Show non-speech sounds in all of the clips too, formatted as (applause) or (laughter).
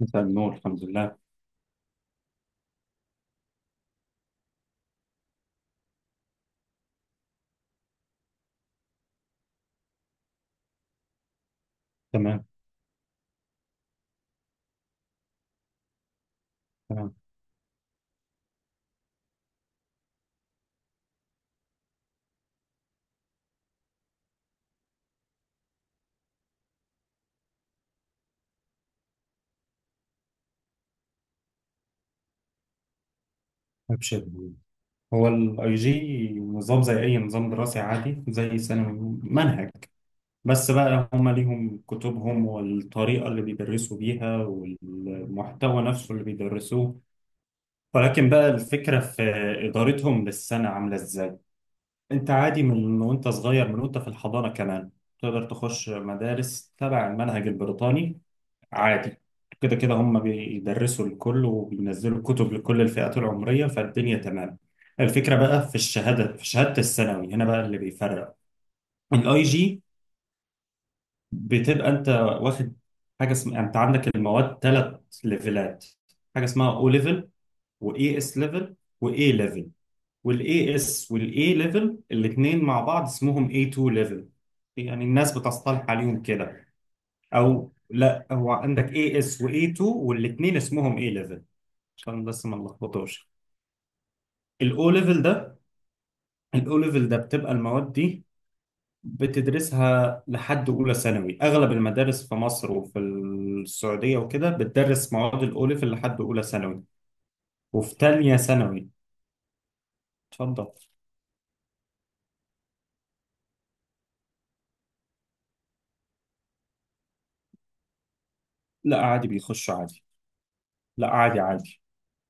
مساء النور. الحمد لله. تمام. تمام. ابشر. هو الاي جي نظام زي اي نظام دراسي عادي زي ثانوي منهج. بس بقى هما ليهم كتبهم والطريقة اللي بيدرسوا بيها والمحتوى نفسه اللي بيدرسوه، ولكن بقى الفكرة في إدارتهم للسنة عاملة إزاي. أنت عادي من وأنت صغير، من وأنت في الحضانة كمان تقدر تخش مدارس تبع المنهج البريطاني عادي. كده كده هم بيدرسوا لكل وبينزلوا كتب لكل الفئات العمرية، فالدنيا تمام. الفكرة بقى في الشهادة، في شهادة الثانوي هنا بقى اللي بيفرق الاي جي. بتبقى انت واخد حاجة اسمها، انت عندك المواد ثلاث ليفلات، حاجة اسمها او ليفل، واي اس ليفل، واي ليفل، والاي اس والاي ليفل الاثنين مع بعض اسمهم اي 2 ليفل، يعني الناس بتصطلح عليهم كده، او لا هو عندك اي اس واي 2 والاثنين اسمهم اي ليفل، عشان بس ما نلخبطوش. الاو ليفل ده، الاو ليفل ده بتبقى المواد دي بتدرسها لحد اولى ثانوي، اغلب المدارس في مصر وفي السعوديه وكده بتدرس مواد الاو ليفل لحد اولى ثانوي وفي تانية ثانوي. اتفضل. لا عادي بيخش عادي. لا عادي عادي.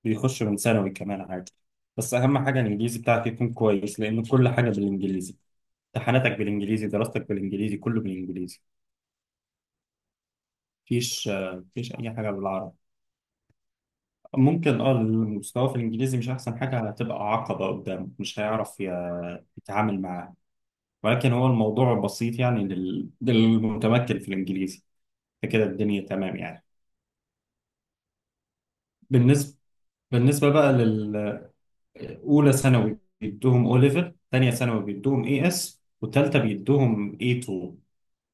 بيخش من ثانوي كمان عادي، بس اهم حاجه الانجليزي بتاعك يكون كويس لان كل حاجه بالانجليزي. امتحاناتك بالانجليزي، دراستك بالانجليزي، كله بالانجليزي. مفيش. مفيش اي حاجه بالعربي. ممكن اه، المستوى في الانجليزي مش احسن حاجه، هتبقى عقبه قدامه مش هيعرف يتعامل معاه، ولكن هو الموضوع بسيط يعني للمتمكن في الانجليزي، فكده الدنيا تمام يعني. بالنسبه بالنسبه بقى للاولى ثانوي بيدوهم او ليفل، ثانيه ثانوي بيدوهم اي اس، وثالثه بيدوهم اي 2.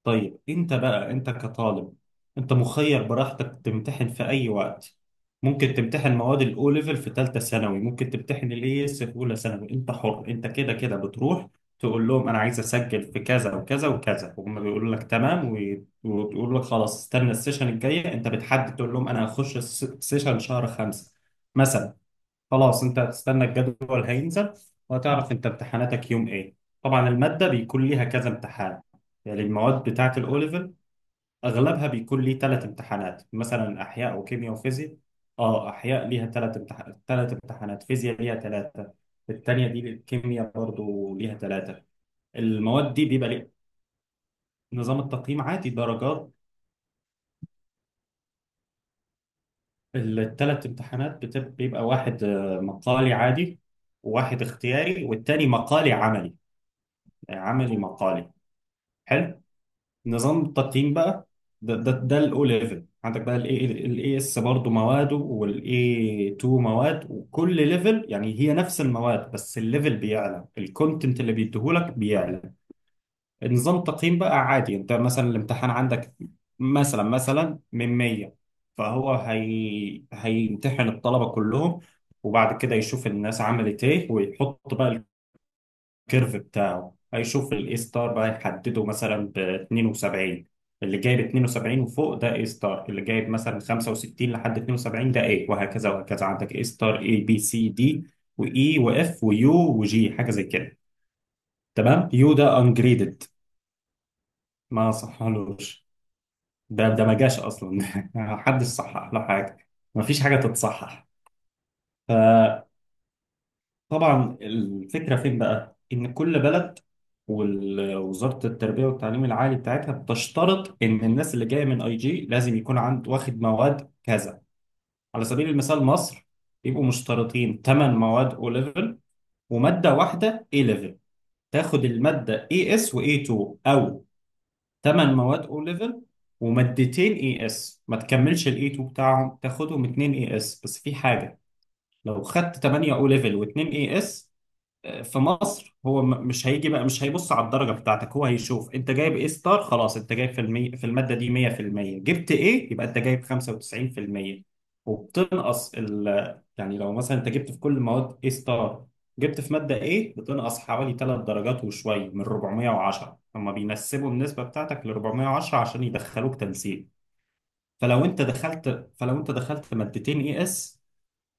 طيب انت بقى، انت كطالب، انت مخير براحتك تمتحن في اي وقت. ممكن تمتحن مواد الاو ليفل في ثالثه ثانوي، ممكن تمتحن الاي اس في اولى ثانوي، انت حر. انت كده كده بتروح تقول لهم انا عايز اسجل في كذا وكذا وكذا، وهم بيقولوا لك تمام، ويقولوا لك خلاص استنى السيشن الجايه، انت بتحدد. تقول لهم انا هخش سيشن شهر 5 مثلا، خلاص انت هتستنى الجدول هينزل وهتعرف انت امتحاناتك يوم ايه. طبعا المادة بيكون ليها كذا امتحان، يعني المواد بتاعة الاوليفل اغلبها بيكون ليه ثلاث امتحانات، مثلا احياء وكيمياء وفيزياء. اه احياء ليها ثلاث امتحانات، ثلاث امتحانات فيزياء ليها ثلاثة، التانية دي الكيمياء برضو ليها ثلاثة. المواد دي بيبقى ليه نظام التقييم عادي درجات. الثلاث امتحانات بيبقى واحد مقالي عادي، وواحد اختياري، والتاني مقالي عملي، يعني عملي مقالي. حلو. نظام التقييم بقى، ده الاو ليفل، عندك بقى الاي اس برضه مواده، والاي 2 مواد، وكل ليفل يعني هي نفس المواد بس الليفل بيعلى، الكونتنت اللي بيديهولك بيعلى. النظام التقييم بقى عادي، انت مثلا الامتحان عندك مثلا من 100، فهو هي هيمتحن الطلبه كلهم، وبعد كده يشوف الناس عملت ايه ويحط بقى الكيرف بتاعه. هيشوف الاي ستار بقى يحدده مثلا ب 72، اللي جايب 72 وفوق ده اي ستار، اللي جايب مثلا 65 لحد 72 ده ايه، وهكذا وهكذا عندك اي ستار، اي بي سي دي، واي واف ويو وجي، حاجه زي كده. تمام، يو ده انجريدد. ما صحلوش. ده ما جاش اصلا (laughs) محدش صحح له حاجه. مفيش حاجه تتصحح. طبعا الفكرة فين بقى؟ إن كل بلد ووزارة التربية والتعليم العالي بتاعتها بتشترط إن الناس اللي جاية من أي جي لازم يكون عند واخد مواد كذا، على سبيل المثال مصر بيبقوا مشترطين 8 مواد أو ليفل ومادة واحدة A ليفل، تاخد المادة AS و A2، أو 8 مواد أو ليفل ومادتين AS، ما تكملش ال A2 بتاعهم، تاخدهم 2 AS. بس في حاجة، لو خدت 8 أو ليفل و2 AS في مصر هو مش هيجي بقى، مش هيبص على الدرجة بتاعتك، هو هيشوف انت جايب ايه ستار خلاص. انت جايب في المادة دي 100%، جبت ايه يبقى انت جايب 95%، يعني لو مثلا انت جبت في كل المواد ايه ستار، جبت في مادة ايه بتنقص حوالي 3 درجات وشوية من 410، هما بينسبوا النسبة بتاعتك ل 410 عشان يدخلوك تنسيق. فلو انت دخلت مادتين اي اس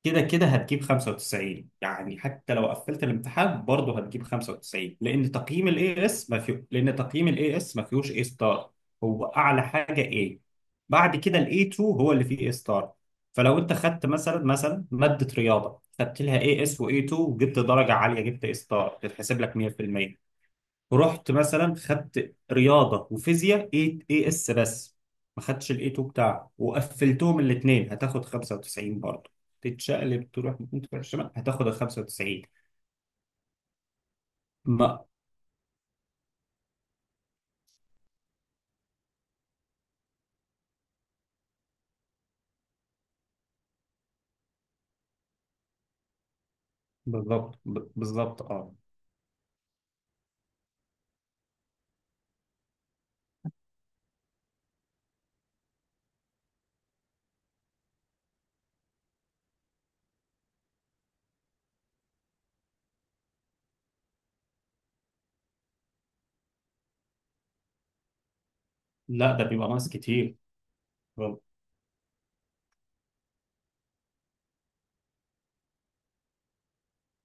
كده كده هتجيب 95، يعني حتى لو قفلت الامتحان برضه هتجيب 95 لان تقييم الاي اس ما فيه، لان تقييم الاي اس ما فيهوش اي ستار، هو اعلى حاجه اي، بعد كده الاي 2 هو اللي فيه اي ستار. فلو انت خدت مثلا ماده رياضه خدت لها اي اس واي 2 وجبت درجه عاليه جبت اي ستار، تتحسب لك 100%. رحت مثلا خدت رياضه وفيزياء اي اس بس، ما خدتش الاي 2 بتاعها وقفلتهم الاثنين هتاخد 95 برضه. تتشقلب تروح من تروح الشمال هتاخد ال 95. ما بالظبط بالظبط، اه. لا ده بيبقى ناقص كتير.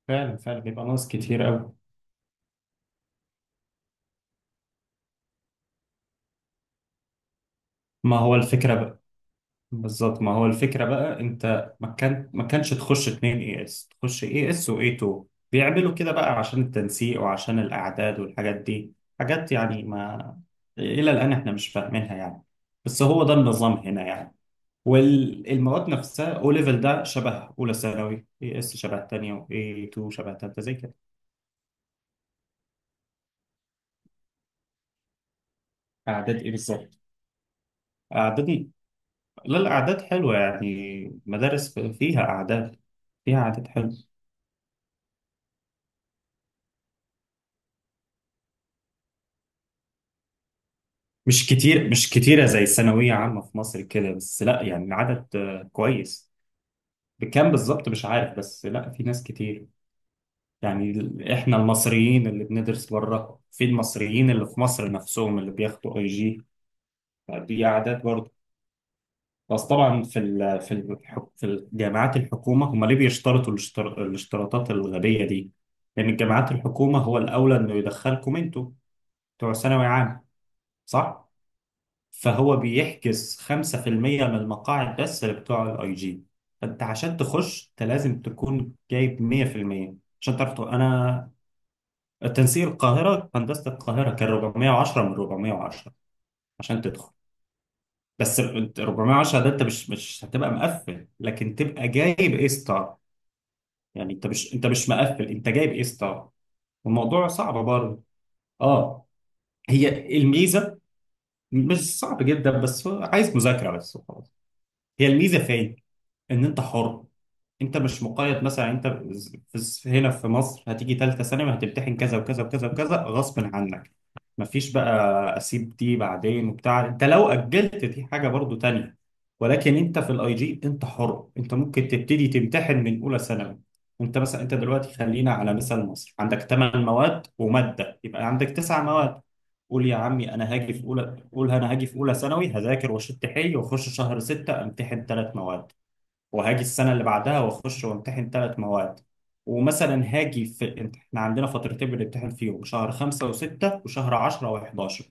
فعلا فعلا بيبقى ناقص كتير قوي. ما هو الفكره، بالظبط ما هو الفكرة بقى، انت ما كانش تخش اتنين اي اس، تخش اي اس واي 2. بيعملوا كده بقى عشان التنسيق وعشان الاعداد والحاجات دي، حاجات يعني ما الى الان احنا مش فاهمينها يعني، بس هو ده النظام هنا يعني. والمواد نفسها او ليفل ده شبه اولى ثانوي، اي اس شبه تانية، واي 2 شبه تالتة زي كده. اعداد ايه بالظبط؟ اعداد. لا الاعداد حلوة يعني، مدارس فيها اعداد، فيها اعداد حلوة. مش كتير، مش كتيرة زي الثانوية عامة في مصر كده، بس لا يعني العدد كويس. بكام بالظبط مش عارف، بس لا في ناس كتير، يعني احنا المصريين اللي بندرس بره، في المصريين اللي في مصر نفسهم اللي بياخدوا اي جي، دي اعداد برضه. بس طبعا في الجامعات الحكومة، هم ليه بيشترطوا الاشتراطات الغبية دي؟ لأن الجامعات الحكومة هو الأولى إنه يدخلكم أنتوا بتوع ثانوي عام، صح؟ فهو بيحجز 5% من المقاعد بس لبتوع الاي جي. فانت عشان تخش انت لازم تكون جايب 100% عشان تعرف انا تنسيق القاهره، هندسه القاهره كان 410 من 410 عشان تدخل. بس أنت 410 ده انت مش هتبقى مقفل، لكن تبقى جايب اي ستار، يعني انت مش مقفل، انت جايب اي ستار. الموضوع صعب برضه، اه. هي الميزه. مش صعب جدا بس هو عايز مذاكره بس. هي الميزه في إيه؟ ان انت حر، انت مش مقيد. مثلا انت في هنا في مصر هتيجي ثالثه ثانوي هتمتحن كذا وكذا وكذا وكذا غصب عنك، مفيش بقى اسيب دي بعدين وبتاع، انت لو اجلت دي حاجه برضو تانية. ولكن انت في الاي جي انت حر، انت ممكن تبتدي تمتحن من اولى ثانوي. انت مثلا انت دلوقتي خلينا على مثال مصر، عندك 8 مواد وماده يبقى عندك 9 مواد، قول يا عمي انا هاجي في اولى، قول انا هاجي في اولى ثانوي هذاكر واشد حيلي واخش شهر 6 امتحن 3 مواد، وهاجي السنه اللي بعدها واخش وامتحن 3 مواد. ومثلا هاجي في احنا عندنا فترتين بنمتحن فيهم، شهر 5 و6 وشهر 10 و11.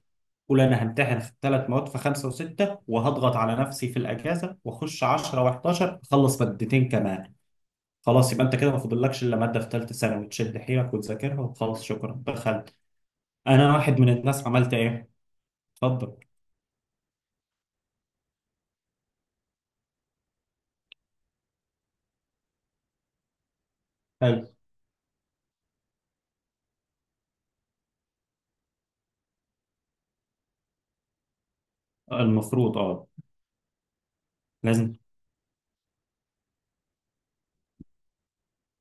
قول انا همتحن في الثلاث مواد في 5 و6، وهضغط على نفسي في الاجازه واخش 10 و11 اخلص مادتين كمان، خلاص. يبقى انت كده ما فاضلكش الا ماده في ثالثه ثانوي تشد حيلك وتذاكرها، وخلاص شكرا دخلت. انا واحد من الناس عملت ايه. اتفضل. حلو. المفروض اه. لازم.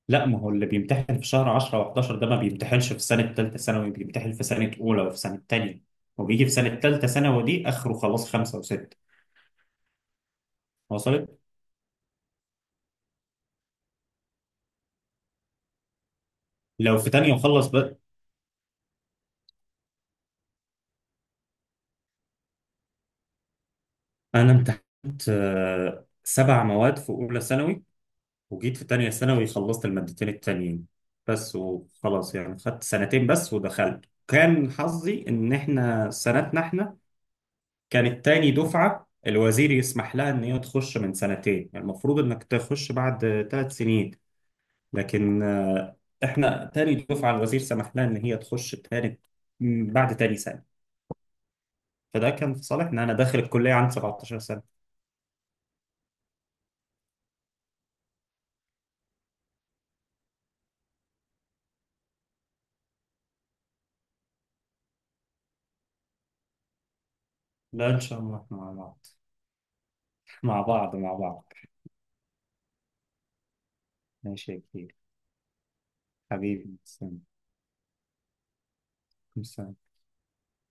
لا ما هو اللي بيمتحن في شهر 10 و11 ده ما بيمتحنش في سنة تالتة ثانوي، بيمتحن في سنة أولى وفي سنة تانية، وبيجي في سنة تالتة ثانوي دي آخره خلاص، 5 و6. وصلت. لو في تانية وخلص بقى. أنا امتحنت 7 مواد في أولى ثانوي، وجيت في تانية ثانوي خلصت المادتين التانيين بس، وخلاص يعني خدت سنتين بس ودخلت. كان حظي إن إحنا سنتنا، إحنا كانت تاني دفعة الوزير يسمح لها إن هي تخش من سنتين، يعني المفروض إنك تخش بعد 3 سنين، لكن إحنا تاني دفعة الوزير سمح لها إن هي تخش تاني بعد تاني سنة، فده كان في صالحنا. أنا داخل الكلية عندي 17 سنة. لا إن شاء الله إحنا مع بعض (laughs) مع بعض مع بعض. ماشي يا كبير. حبيبي سلام.